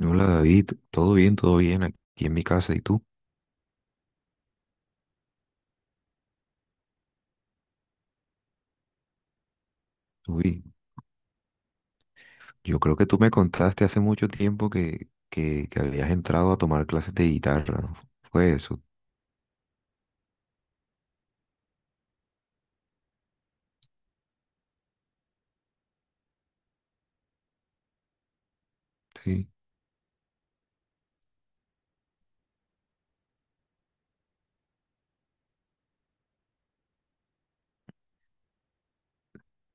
Hola David, todo bien aquí en mi casa. ¿Y tú? Uy, yo creo que tú me contaste hace mucho tiempo que habías entrado a tomar clases de guitarra, ¿no? Fue eso. Sí,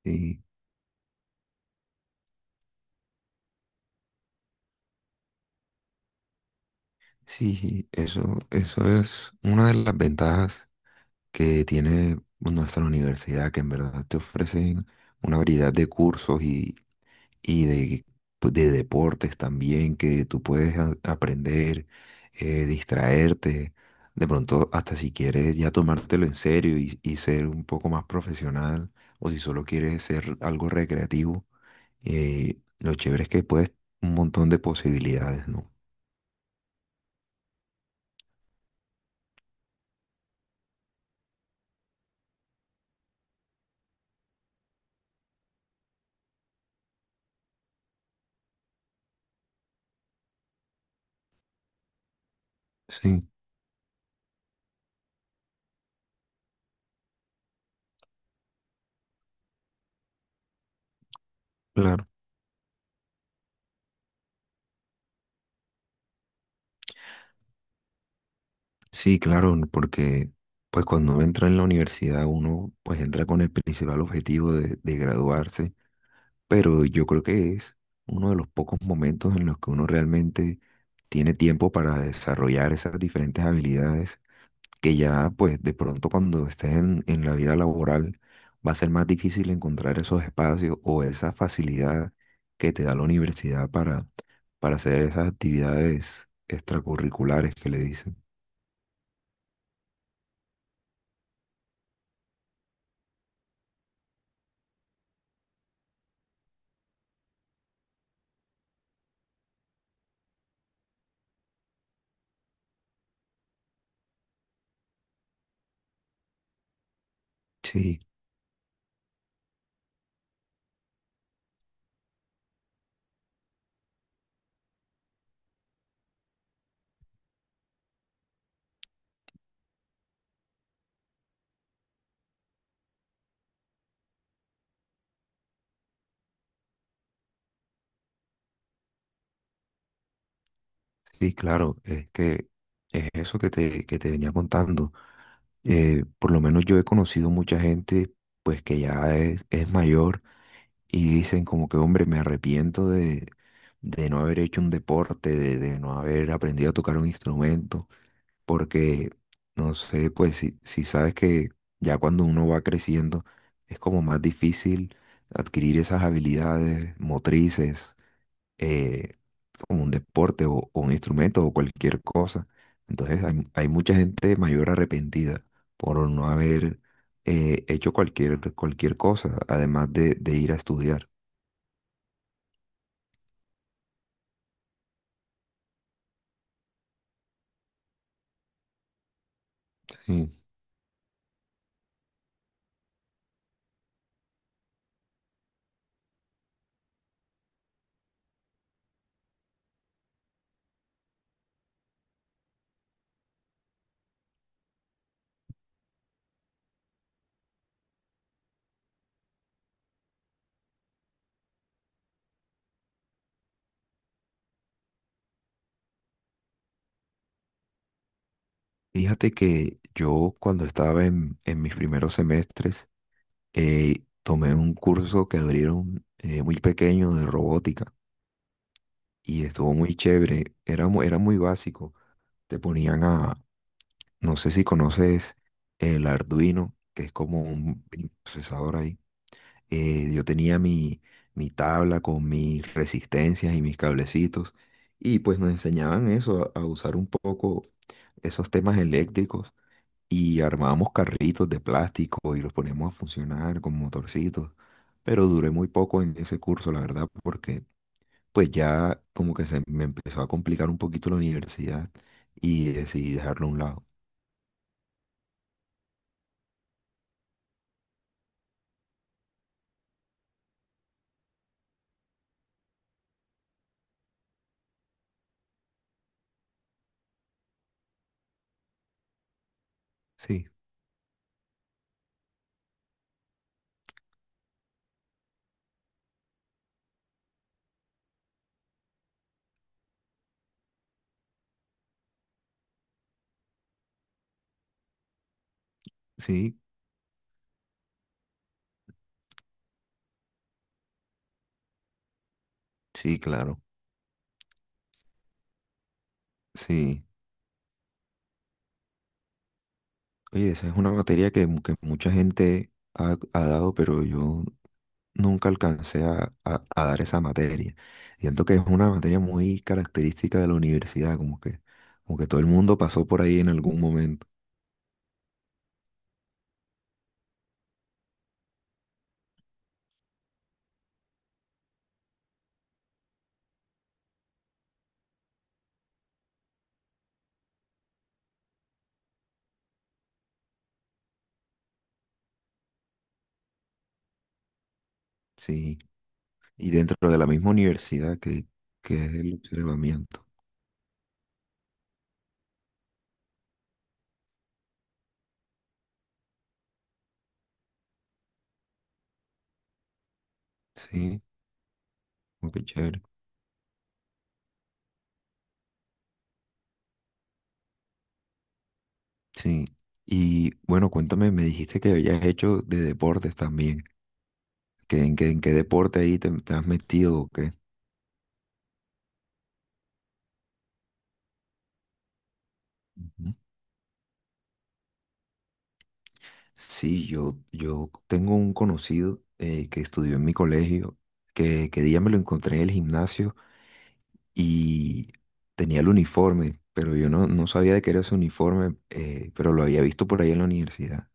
sí, sí, sí, eso es una de las ventajas que tiene nuestra universidad, que en verdad te ofrecen una variedad de cursos y de, pues, de deportes también que tú puedes aprender, distraerte, de pronto hasta si quieres ya tomártelo en serio y ser un poco más profesional o si solo quieres ser algo recreativo, lo chévere es que puedes un montón de posibilidades, ¿no? Sí, claro. Sí, claro, porque pues cuando uno entra en la universidad uno pues entra con el principal objetivo de graduarse, pero yo creo que es uno de los pocos momentos en los que uno realmente tiene tiempo para desarrollar esas diferentes habilidades que ya pues de pronto cuando estés en la vida laboral va a ser más difícil encontrar esos espacios o esa facilidad que te da la universidad para hacer esas actividades extracurriculares que le dicen. Sí, sí, claro, es que es eso que te venía contando. Por lo menos yo he conocido mucha gente pues que ya es mayor y dicen como que, hombre, me arrepiento de no haber hecho un deporte, de no haber aprendido a tocar un instrumento, porque, no sé, pues si, si sabes que ya cuando uno va creciendo es como más difícil adquirir esas habilidades motrices, eh, como un deporte o un instrumento o cualquier cosa. Entonces hay mucha gente mayor arrepentida por no haber hecho cualquier, cualquier cosa, además de ir a estudiar. Sí. Fíjate que yo cuando estaba en mis primeros semestres, tomé un curso que abrieron, muy pequeño, de robótica, y estuvo muy chévere. Era, era muy básico. Te ponían a... No sé si conoces el Arduino, que es como un mini procesador ahí. Yo tenía mi tabla con mis resistencias y mis cablecitos, y pues nos enseñaban eso, a usar un poco esos temas eléctricos, y armábamos carritos de plástico y los poníamos a funcionar con motorcitos. Pero duré muy poco en ese curso, la verdad, porque pues ya como que se me empezó a complicar un poquito la universidad y decidí dejarlo a un lado. Sí. Sí, sí, claro. Sí. Oye, esa es una materia que, que mucha gente ha, ha dado, pero yo nunca alcancé a dar esa materia. Siento que es una materia muy característica de la universidad, como que todo el mundo pasó por ahí en algún momento. Sí. Y dentro de la misma universidad que es el observamiento. Sí, como que chévere. Sí. Y bueno, cuéntame, me dijiste que habías hecho de deportes también, que en qué deporte ahí te, te has metido o qué. Ujú. Sí, yo tengo un conocido, que estudió en mi colegio, que día me lo encontré en el gimnasio y tenía el uniforme, pero yo no, no sabía de qué era ese uniforme, pero lo había visto por ahí en la universidad.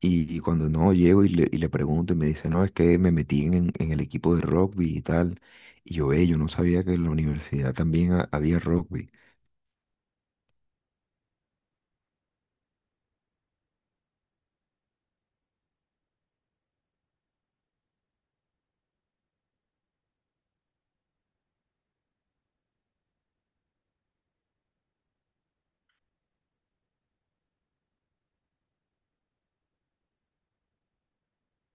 Y cuando no llego y le pregunto y me dice, no, es que me metí en el equipo de rugby y tal. Y yo, ve, yo no sabía que en la universidad también había rugby.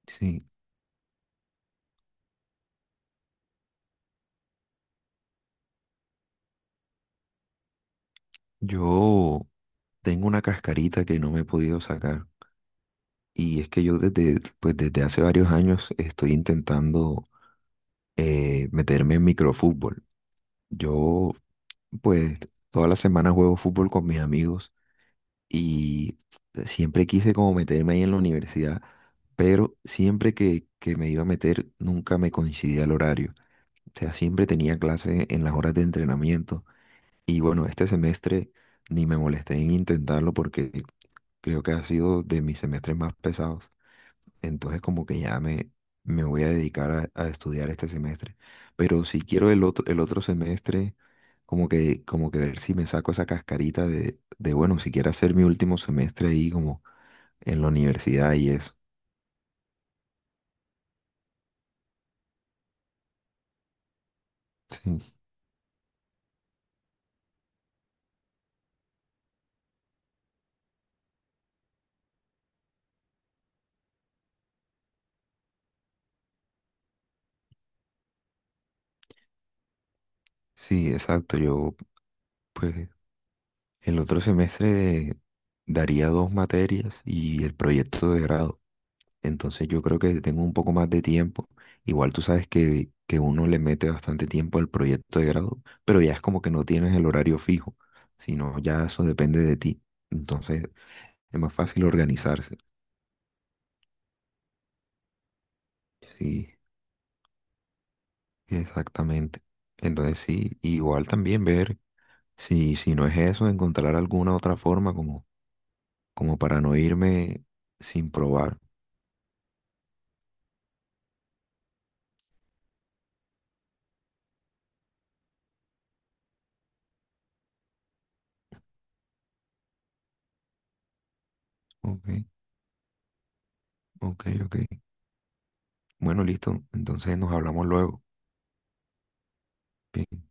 Sí, yo tengo una cascarita que no me he podido sacar. Y es que yo desde, pues desde hace varios años estoy intentando, meterme en microfútbol. Yo pues todas las semanas juego fútbol con mis amigos y siempre quise como meterme ahí en la universidad, pero siempre que me iba a meter nunca me coincidía el horario. O sea, siempre tenía clase en las horas de entrenamiento y bueno, este semestre ni me molesté en intentarlo porque creo que ha sido de mis semestres más pesados. Entonces como que ya me voy a dedicar a estudiar este semestre. Pero si quiero el otro semestre, como que ver si me saco esa cascarita de, bueno, si quiero hacer mi último semestre ahí como en la universidad y eso. Sí, sí, exacto. Yo pues el otro semestre daría dos materias y el proyecto de grado. Entonces yo creo que tengo un poco más de tiempo. Igual tú sabes que uno le mete bastante tiempo al proyecto de grado, pero ya es como que no tienes el horario fijo, sino ya eso depende de ti. Entonces es más fácil organizarse. Sí, exactamente. Entonces sí, igual también ver si, si no es eso, encontrar alguna otra forma como, como para no irme sin probar. Ok, ok, ok. Bueno, listo. Entonces nos hablamos luego. Bien.